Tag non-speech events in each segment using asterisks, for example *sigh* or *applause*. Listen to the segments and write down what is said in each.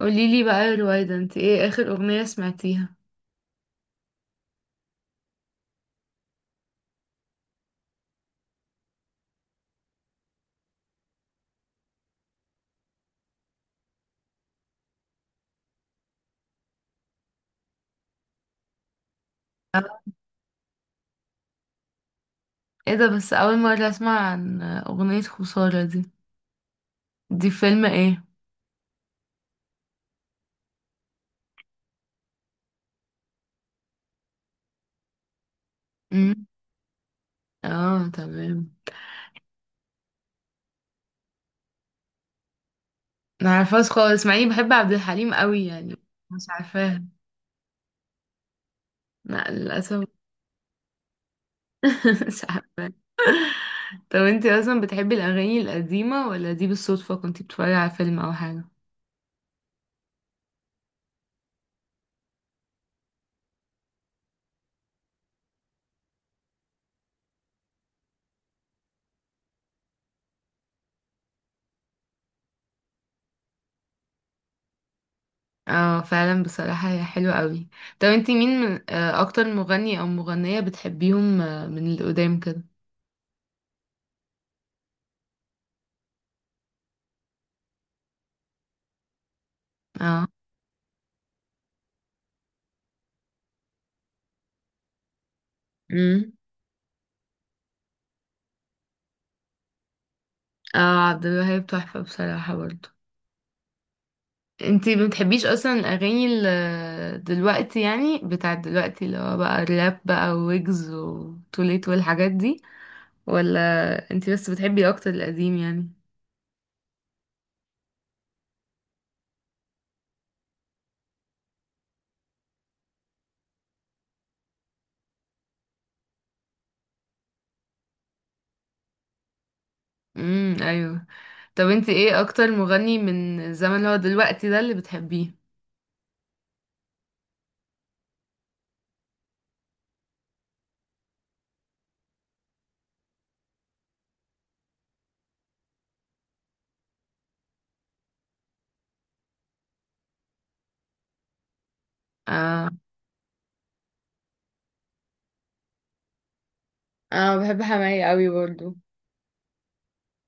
قوليلي بقى يا رويدة، انت ايه اخر اغنية سمعتيها؟ آه. ايه ده؟ بس اول مرة اسمع عن اغنية خسارة دي. دي فيلم ايه؟ امم اه، تمام. ما عارفاش خالص، مع اني بحب عبد الحليم قوي يعني. مش عارفاها. لا، للاسف. *laughs* مش عارفاها. طب انت اصلا بتحبي الاغاني القديمة، ولا دي بالصدفة كنت بتتفرجي على فيلم او حاجة؟ اه فعلا، بصراحة هي حلوة قوي. طب انت مين من اكتر مغني او مغنية بتحبيهم، من القدام كده؟ اه. اه، عبد الوهاب تحفة بصراحة برضو. انتي ما بتحبيش اصلا الاغاني دلوقتي يعني، بتاعت دلوقتي، اللي هو بقى الراب بقى، ويجز وتوليت والحاجات دي؟ ولا انتي بس بتحبي اكتر القديم يعني؟ ايوه. طب انتي ايه اكتر مغني من الزمن اللي هو دلوقتي ده اللي بتحبيه؟ اه. اه، بحب حماية قوي برضو.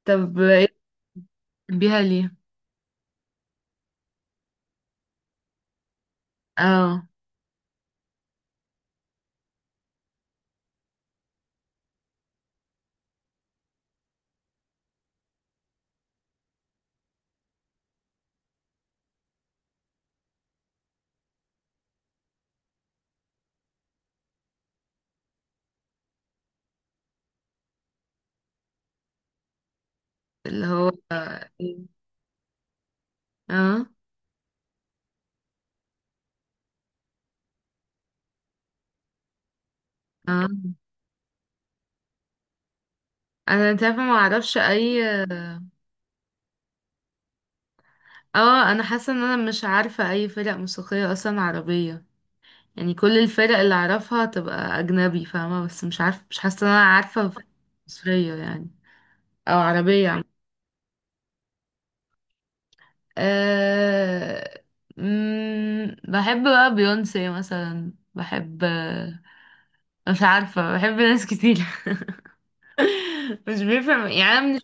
طب ايه، بتحبيها ليه؟ اه، اللي هو. ايه؟ اه، اه. انت عارفة، ما اعرفش اي. اه، انا حاسه ان انا مش عارفه اي فرق موسيقيه اصلا عربيه. يعني كل الفرق اللي اعرفها تبقى اجنبي، فاهمه؟ بس مش عارفه، مش حاسه ان انا عارفه فرق مصريه يعني، او عربيه. أه... بحب بقى بيونسي مثلا، مش عارفه، بحب ناس كتير. *laughs* مش بيفرق يعني، انا من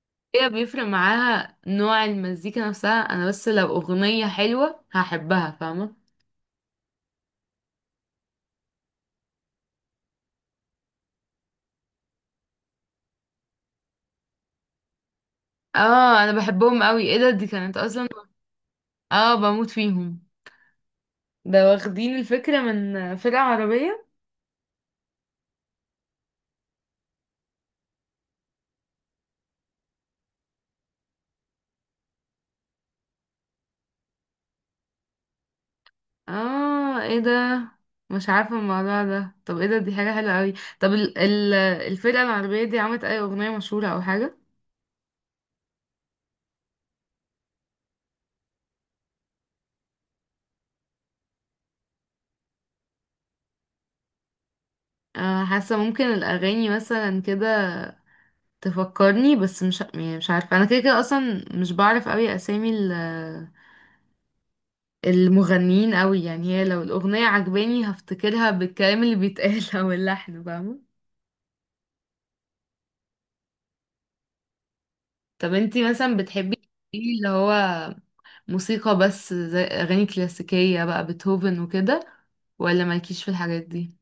الشخصيه بيفرق معاها نوع المزيكا نفسها. انا بس لو اغنيه حلوه هحبها، فاهمه؟ اه، انا بحبهم قوي. ايه ده؟ دي كانت اصلا. اه، بموت فيهم. ده واخدين الفكرة من فرقة عربية؟ اه، ايه ده؟ مش عارفة الموضوع ده. طب ايه ده؟ دي حاجة حلوة اوي. طب ال الفرقة العربية دي عملت اي اغنية مشهورة او حاجة؟ حاسة ممكن الاغاني مثلا كده تفكرني، بس مش يعني، مش عارفة. انا كده كده اصلا مش بعرف اوي اسامي المغنيين اوي يعني. هي لو الاغنية عجباني هفتكرها بالكلام اللي بيتقال، *laughs* او اللحن، فاهمة؟ طب انتي مثلا بتحبي ايه، اللي هو موسيقى بس، زي أغاني كلاسيكية بقى، بيتهوفن وكده؟ ولا مالكيش في الحاجات دي؟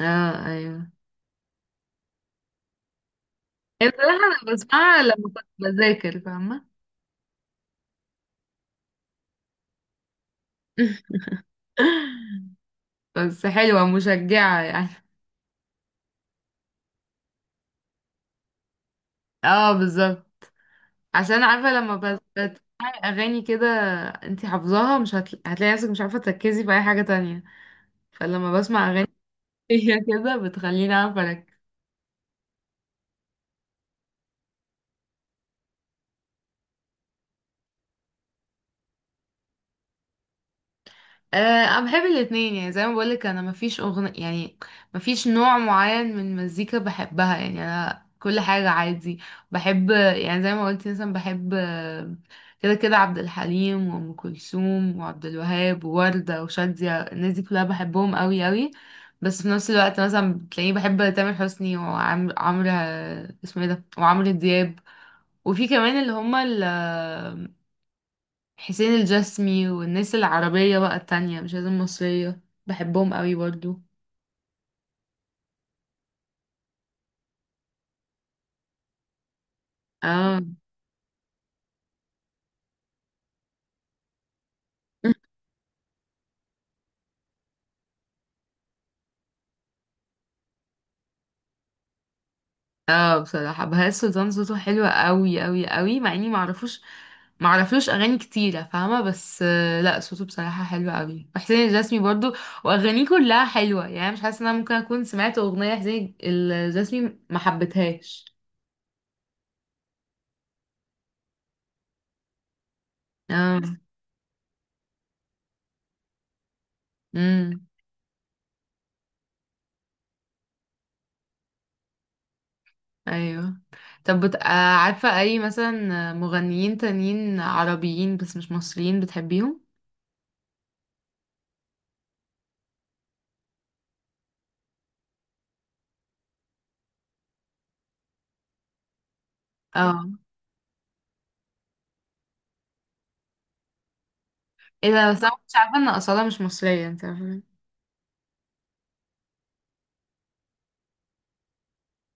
اه، ايوه. هي بصراحة أنا بسمعها لما كنت بذاكر، فاهمة؟ *laughs* بس حلوة، مشجعة يعني. اه، بالظبط. عشان عارفة لما بتسمعي أغاني كده انتي حافظاها، مش هتلاقي نفسك مش عارفة تركزي في أي حاجة تانية. فلما بسمع أغاني، *laughs* هي كده بتخليني أعرف أركز. أه، انا بحب الاتنين يعني. زي ما بقولك، انا مفيش اغنية يعني، مفيش نوع معين من المزيكا بحبها يعني. انا كل حاجة عادي بحب يعني. زي ما قلت مثلا بحب، كده كده، عبد الحليم وام كلثوم وعبد الوهاب ووردة وشادية، الناس دي كلها بحبهم قوي قوي. بس في نفس الوقت مثلا بتلاقيني بحب تامر حسني، وعمرو عمرو آه، اسمه ايه ده، وعمرو دياب. وفي كمان اللي هما حسين الجسمي، والناس العربية بقى التانية، مش لازم مصرية، بحبهم قوي برضو. اه. اه، بصراحة بهاء سلطان صوته حلو قوي قوي قوي، مع اني معرفلوش اغاني كتيرة، فاهمة؟ بس لا، صوته بصراحة حلو قوي. وحسين الجسمي برضو واغانيه كلها حلوة يعني، مش حاسة ان انا ممكن اكون سمعت اغنية حسين الجسمي ما حبيتهاش. اه، امم، ايوه. طب بت... آه، عارفة اي مثلا مغنيين تانيين عربيين بس مش مصريين بتحبيهم؟ اه، ايه ده؟ بس انا مش عارفة ان أصالة مش مصرية، انت عارفة؟ *laughs*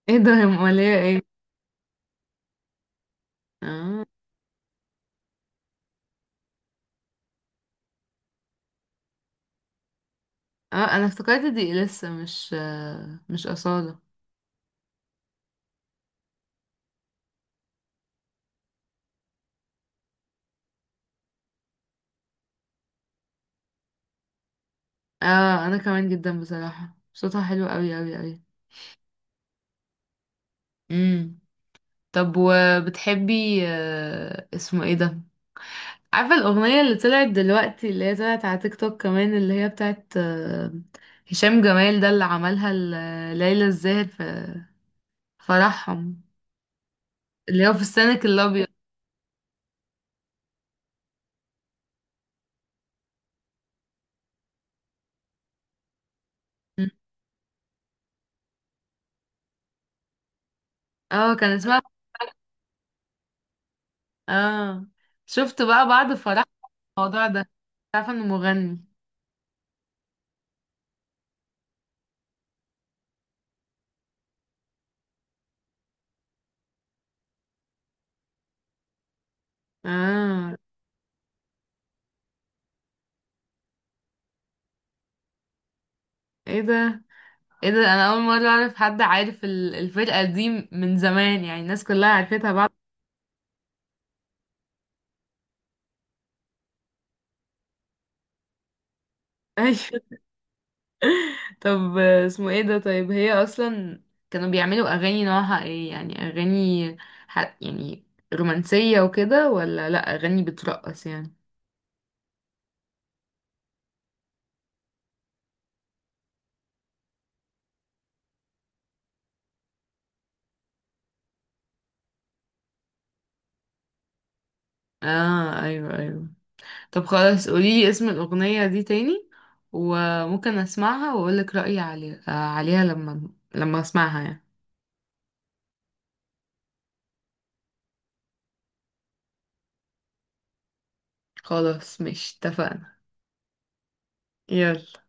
ايه ده يا مولية، ايه! اه. اه، انا افتكرت دي لسه مش أصالة. اه، انا كمان جدا، بصراحة صوتها حلو قوي قوي قوي. امم طب وبتحبي اسمه ايه ده، عارفة الأغنية اللي طلعت دلوقتي، اللي هي طلعت على تيك توك كمان، اللي هي بتاعت هشام جمال ده، اللي عملها ليلى الزاهر في فرحهم، اللي هو في السنك الأبيض؟ مم. اه، كان اسمها. اه، شفت بقى بعد فرح الموضوع ده مش عارفة انه مغني. اه، ايه ده؟ ايه ده؟ انا اول مرة اعرف حد عارف الفرقة دي من زمان يعني، الناس كلها عرفتها بعد. *laughs* طب اسمه ايه ده، طيب هي اصلا كانوا بيعملوا اغاني نوعها ايه؟ يعني اغاني يعني رومانسية وكده، ولا لا، اغاني بترقص يعني؟ اه، ايوه، ايوه. طب خلاص، قوليلي اسم الاغنية دي تاني وممكن اسمعها واقولك رأيي عليها، عليها لما اسمعها يعني. خلاص، مش اتفقنا. يلا